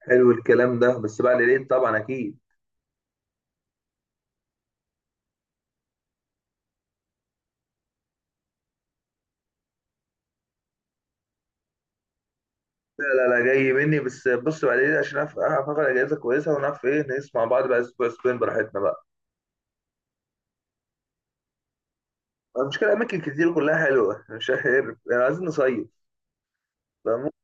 حلو الكلام ده، بس بعد العيد طبعا اكيد. لا لا لا، جاي مني. بس بص، بعد العيد عشان اعرف اخد اجازه كويسه، ونعرف ايه نقيس مع بعض بقى اسبوع اسبوعين براحتنا بقى. المشكله اماكن كتير كلها حلوه مش عارف يعني، عايزين نصيف. فممكن.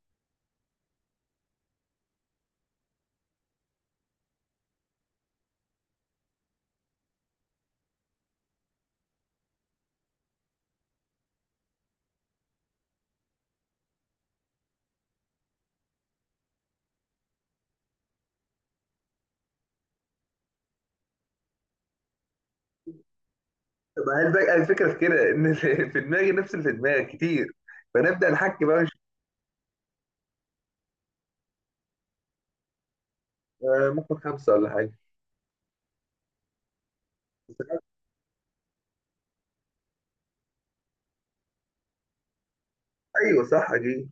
ما هي الفكره في كده ان في دماغي نفس اللي في دماغك كتير. فنبدا نحكي بقى، مش... ممكن خمسه ولا حاجه. ايوه صح اكيد.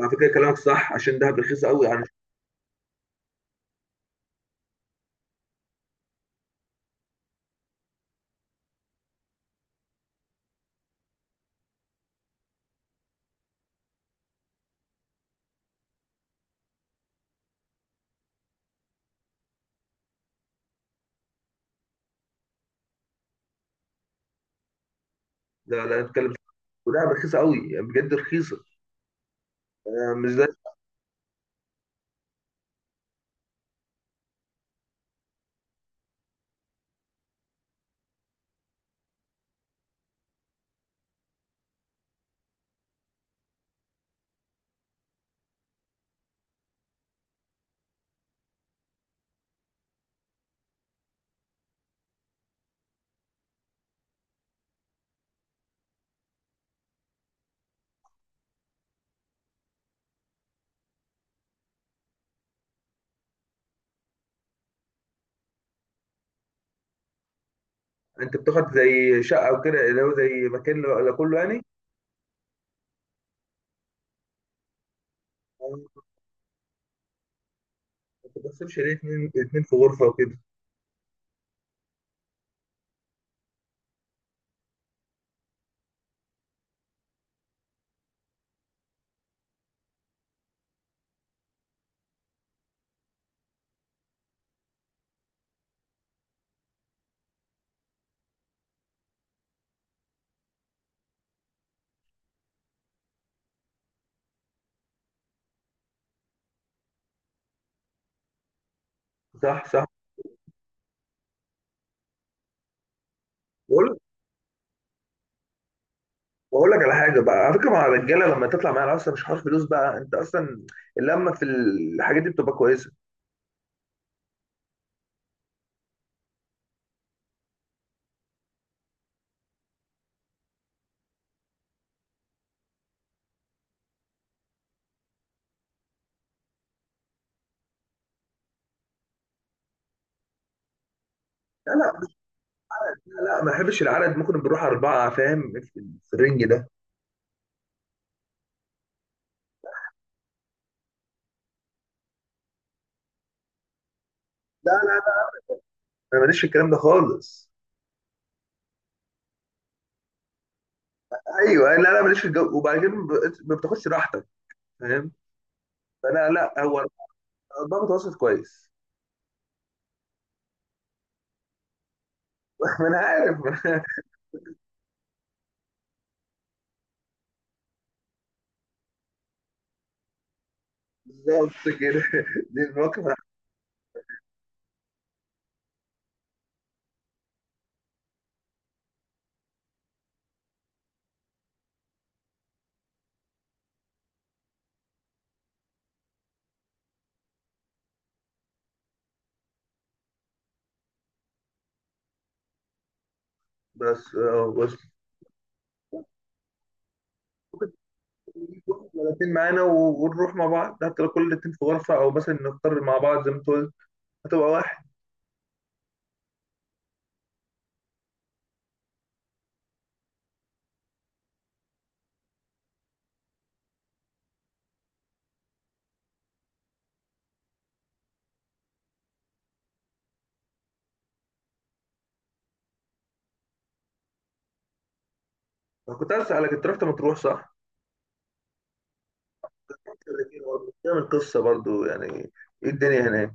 على فكره كلامك صح، عشان دهب رخيصه قوي عن... لا لا، نتكلم. ودهب رخيصه قوي، يعني بجد رخيصه. مش زي... انت بتاخد زي شقه او كده، اللي هو زي مكان لكله يعني. ما بتقسمش ليه اتنين اتنين في غرفه وكده؟ صح صح. بقول بقول لك على حاجه بقى، على فكره مع الرجاله لما تطلع معايا اصلا مش حوار فلوس بقى، انت اصلا اللمه في الحاجات دي بتبقى كويسه. لا لا لا، ما بحبش العدد، ممكن بنروح اربعه، فاهم؟ في الرينج ده. لا لا لا، انا ماليش في الكلام ده خالص. ايوه. لا لا، ماليش في الجو، وبعد كده ما بتاخدش راحتك، فاهم؟ فانا لا، هو ضابط وسط كويس. ما انا عارف. بالظبط كده. دي المواقف اللي هتحصل. بس بس 30 معانا، ونروح مع بعض، حتى لو كل الاتنين في غرفة، أو مثلا نختار مع بعض زي ما أنت قلت، هتبقى واحد. أنا كنت عايز أسألك، أنت رحت مطروح صح؟ تعمل قصة برضو يعني. إيه الدنيا هناك؟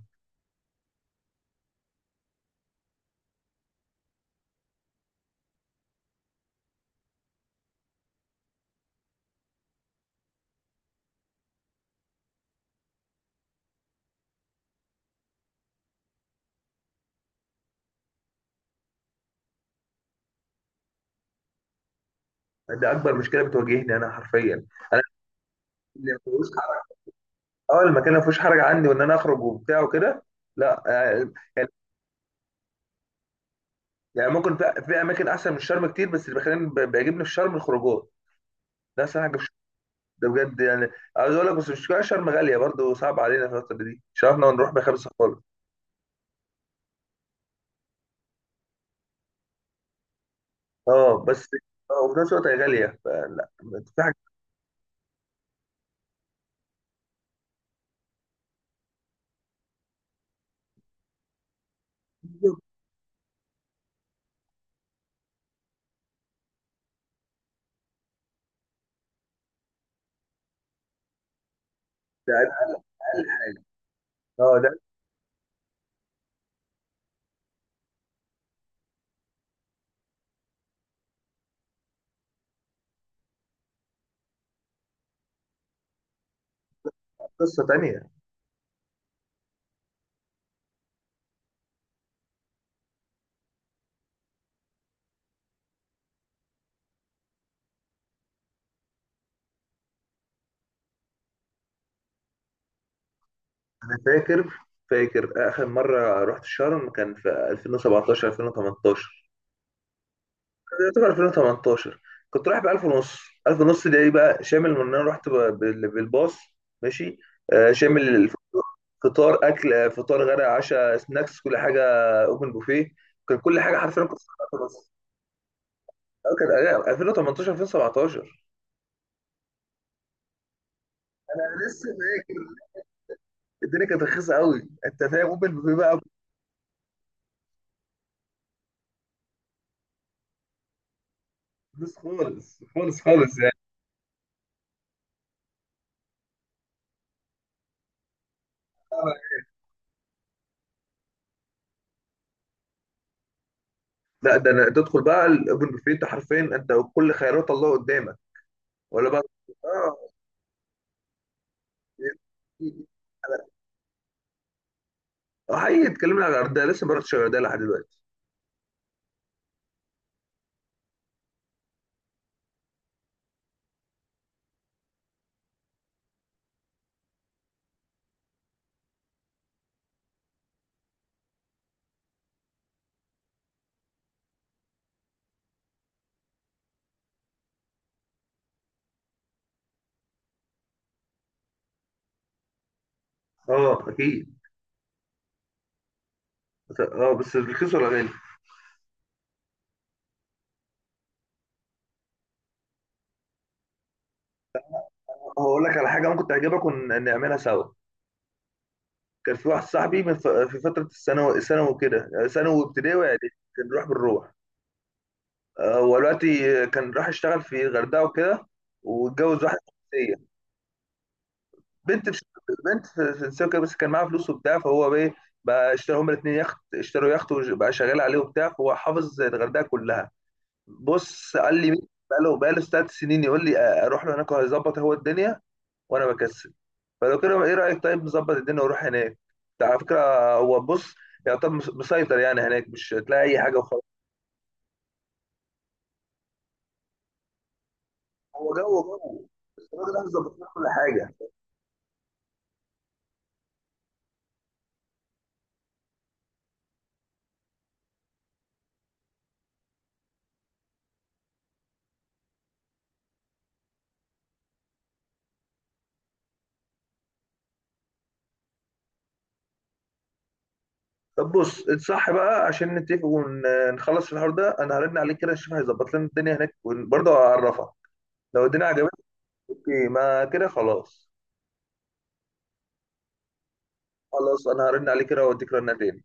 ده أكبر مشكلة بتواجهني أنا حرفيا. أنا اللي ما فيهوش حرج. أه، المكان اللي ما فيهوش حرج عندي، وإن أنا أخرج وبتاع وكده، لا يعني... يعني ممكن في أماكن أحسن من الشرم كتير، بس اللي بيخليني بيعجبني في الشرم الخروجات. ده أحسن حاجة. ده بجد يعني. عاوز اقول لك، بس مش شرم غاليه برضه؟ صعب علينا في الفتره دي، مش عارفنا نروح بخمسه خالص. اه بس. اه، وفي نفس الوقت هي غاليه، فلا. في حاجه كتير. ده اقل حاجه. اه، ده قصه تانيه. انا فاكر اخر مره رحت شرم كان في 2017 2018، يعتبر 2018. كنت رايح ب 1000 ونص. 1000 ونص ده ايه بقى؟ شامل ان انا بالباص، ماشي، شامل فطار اكل، فطار غدا عشاء سناكس كل حاجه. اوبن بوفيه. كان كل حاجه حرفيا كنت بدفع 1000 ونص. كان 2018 2017. انا لسه فاكر. الدنيا كانت رخيصه قوي، انت فاهم؟ اوبن بوفيه بقى. فلوس خالص خالص خالص يعني. لا ده، أنا تدخل بقى الاوبن بوفيه، انت حرفيا انت كل خيارات الله قدامك، ولا بقى. اه. اه حقيقي، اتكلمنا على الغردقه لسه ما رحتش الغردقه لحد دلوقتي. اه اكيد. اه بس رخيص ولا غالي؟ هقول لك على حاجه ممكن تعجبك ونعملها سوا. كان في واحد صاحبي في فتره الثانوي، ثانوي كده، ثانوي وابتدائي واعدادي، كان بيروح بالروح. هو دلوقتي كان راح يشتغل في الغردقه وكده، واتجوز واحده فرنسيه، بنت في فرنسيه وكده، بس كان معاها فلوس وبتاع، فهو بقى بقى اشتروا هما الاثنين يخت، اشتروا يخت وبقى شغال عليه وبتاع، فهو حافظ الغردقه كلها. بص قال لي مين، بقاله 3 سنين، يقول لي اروح له هناك وهيظبط هو الدنيا، وانا بكسل. فلو كده ايه رايك؟ طيب نظبط الدنيا واروح هناك، ده على فكره. هو بص، يعتبر مسيطر يعني هناك، مش هتلاقي اي حاجه وخلاص. هو جو جو. بس الراجل ده هيظبط لنا كل حاجه. طب بص اتصح بقى عشان نتفق ونخلص في الحوار ده، انا هرن عليك كده اشوف هيظبط لنا الدنيا هناك، وبرضه هعرفك لو الدنيا عجبتك. اوكي، ما كده خلاص. خلاص انا هرن عليك كده واديك رنتين.